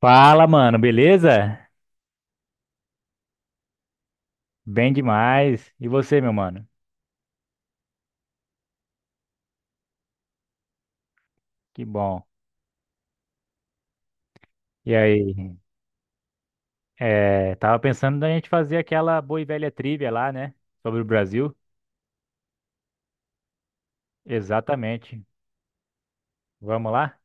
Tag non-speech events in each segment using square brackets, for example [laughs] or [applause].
Fala, mano, beleza? Bem demais. E você, meu mano? Que bom. E aí? Tava pensando da gente fazer aquela boa e velha trivia lá, né? Sobre o Brasil. Exatamente. Vamos lá?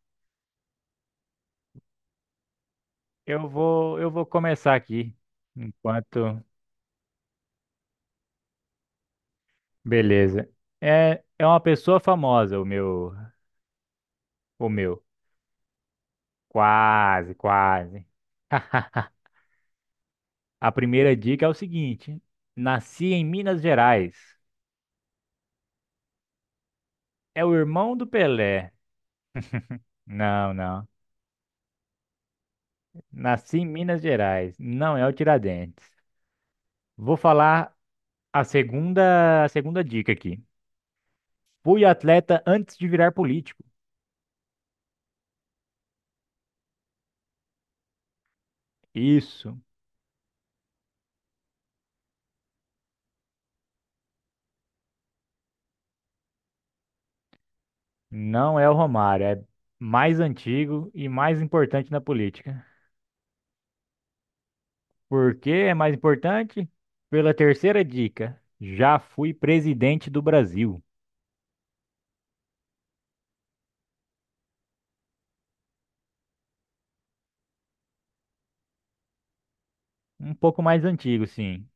Eu vou começar aqui. Enquanto. Beleza. É uma pessoa famosa, o meu. O meu. Quase, quase. [laughs] A primeira dica é o seguinte: nasci em Minas Gerais. É o irmão do Pelé. Não, não. Nasci em Minas Gerais. Não é o Tiradentes. Vou falar a segunda dica aqui. Fui atleta antes de virar político. Isso. Não é o Romário. É mais antigo e mais importante na política. Por que é mais importante? Pela terceira dica. Já fui presidente do Brasil. Um pouco mais antigo, sim.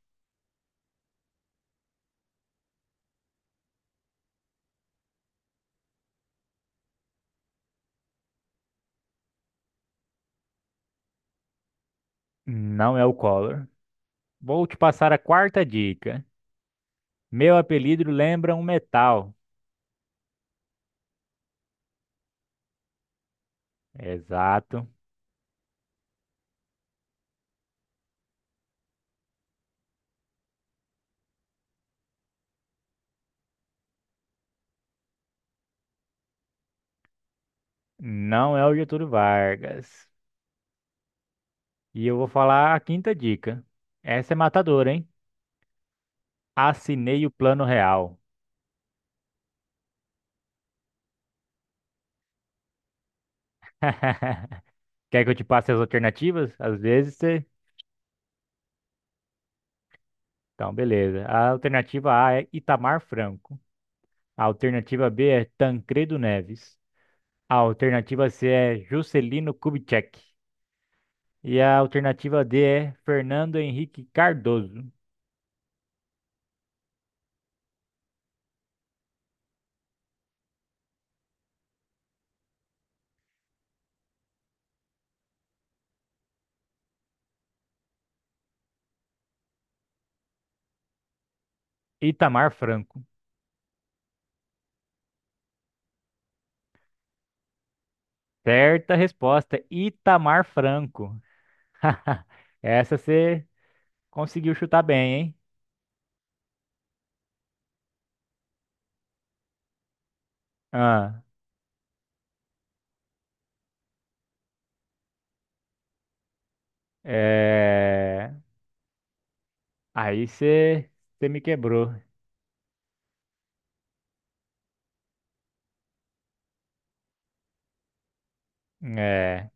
Não é o Collor. Vou te passar a quarta dica. Meu apelido lembra um metal. Exato. Não é o Getúlio Vargas. E eu vou falar a quinta dica. Essa é matadora, hein? Assinei o plano real. [laughs] Quer que eu te passe as alternativas? Às vezes você. Então, beleza. A alternativa A é Itamar Franco. A alternativa B é Tancredo Neves. A alternativa C é Juscelino Kubitschek. E a alternativa D é Fernando Henrique Cardoso. Itamar Franco. Certa resposta, Itamar Franco. [laughs] Essa você conseguiu chutar bem, hein? Ah, é... Aí você me quebrou. É...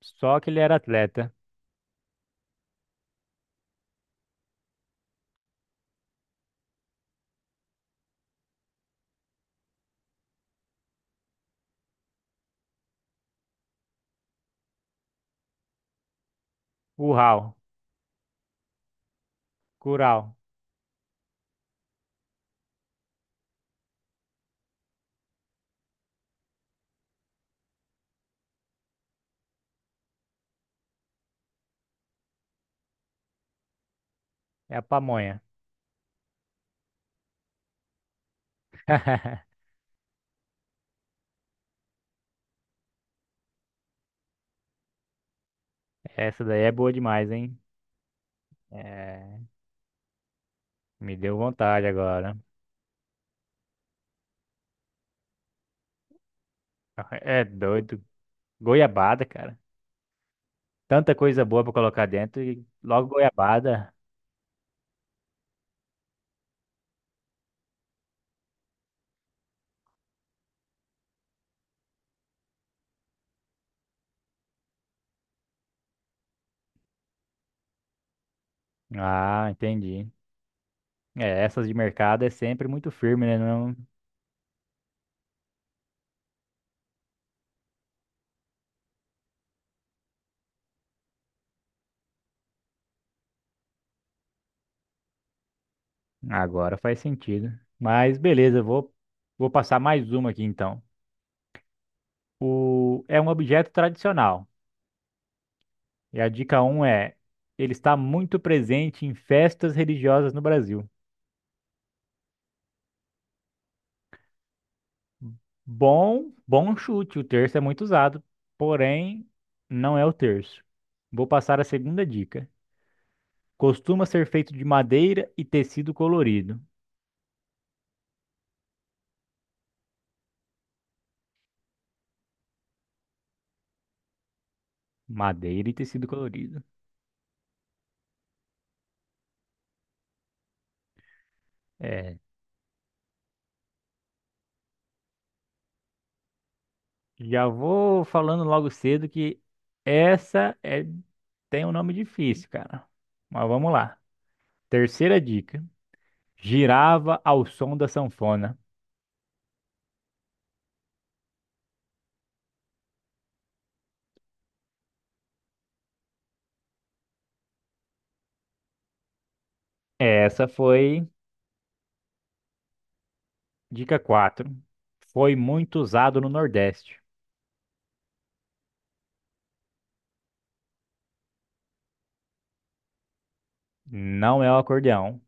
Só que ele era atleta. Uau, curau, é a pamonha. [laughs] Essa daí é boa demais, hein? É... Me deu vontade agora. É doido. Goiabada, cara. Tanta coisa boa pra colocar dentro e logo goiabada. Ah, entendi. É, essas de mercado é sempre muito firme, né? Não. Agora faz sentido. Mas beleza, vou passar mais uma aqui então. O, é um objeto tradicional. E a dica um é: ele está muito presente em festas religiosas no Brasil. Bom, bom chute, o terço é muito usado, porém não é o terço. Vou passar a segunda dica. Costuma ser feito de madeira e tecido colorido. Madeira e tecido colorido. É, Já vou falando logo cedo que essa é tem um nome difícil, cara. Mas vamos lá. Terceira dica. Girava ao som da sanfona. Essa foi dica 4. Foi muito usado no Nordeste. Não é o acordeão.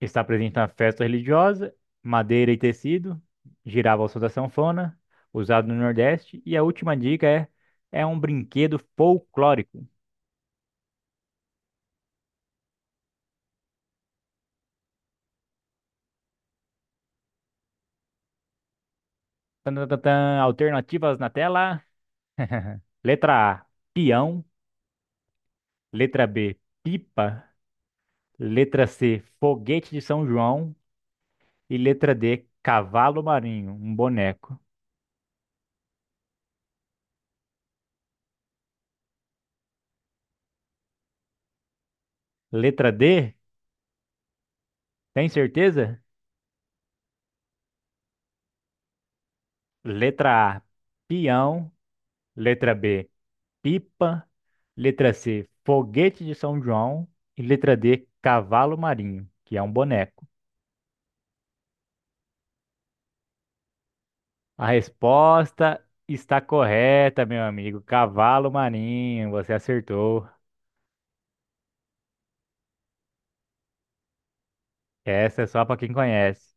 Está presente na festa religiosa, madeira e tecido. Girava ao som da sanfona, usado no Nordeste. E a última dica é um brinquedo folclórico. Tan, tan, tan, tan. Alternativas na tela. [laughs] Letra A, peão. Letra B, pipa. Letra C, foguete de São João. E letra D, cavalo marinho, um boneco. Letra D, tem certeza? Letra A, peão. Letra B, pipa. Letra C, foguete de São João. E letra D, cavalo marinho, que é um boneco. A resposta está correta, meu amigo. Cavalo marinho, você acertou. Essa é só para quem conhece.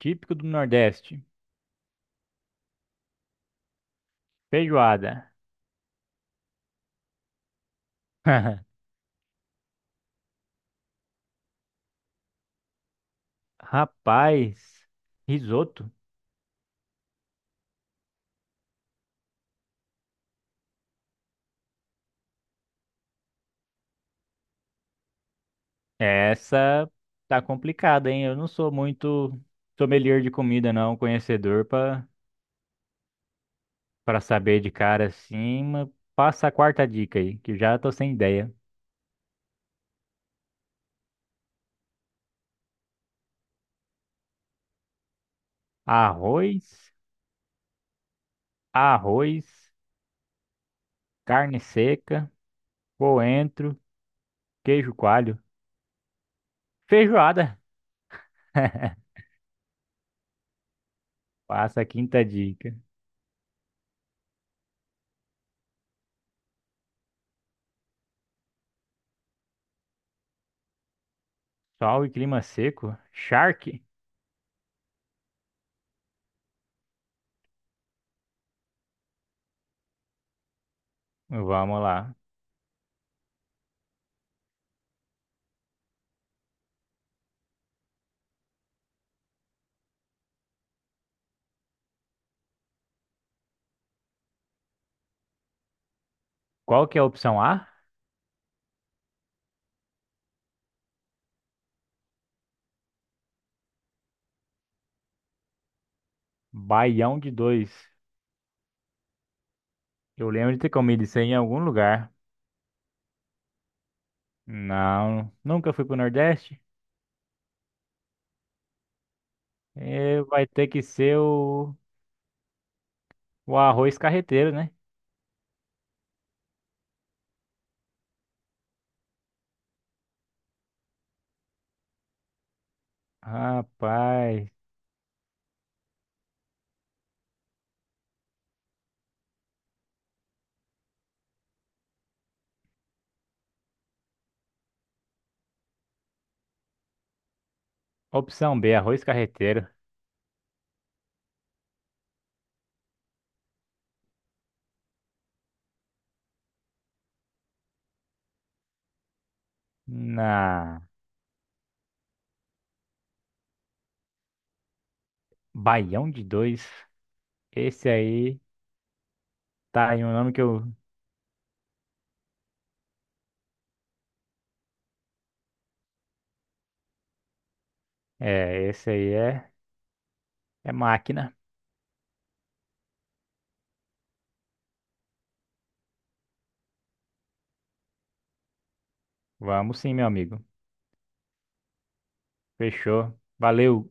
Típico do Nordeste. Feijoada. [laughs] Rapaz, risoto. Essa tá complicada, hein? Eu não sou muito sommelier de comida, não, conhecedor pra para saber de cara assim, mas passa a quarta dica aí, que já tô sem ideia. Arroz, arroz, carne seca, coentro, queijo coalho. Feijoada. [laughs] Passa a quinta dica. Sol e clima seco. Charque. Vamos lá. Qual que é a opção A? Baião de dois. Eu lembro de ter comido isso aí em algum lugar. Não, nunca fui pro Nordeste. É, vai ter que ser o arroz carreteiro, né? Rapaz. Opção B, arroz carreteiro. Na Baião de dois. Esse aí tá aí um nome que eu. Esse aí é máquina. Vamos sim, meu amigo. Fechou. Valeu.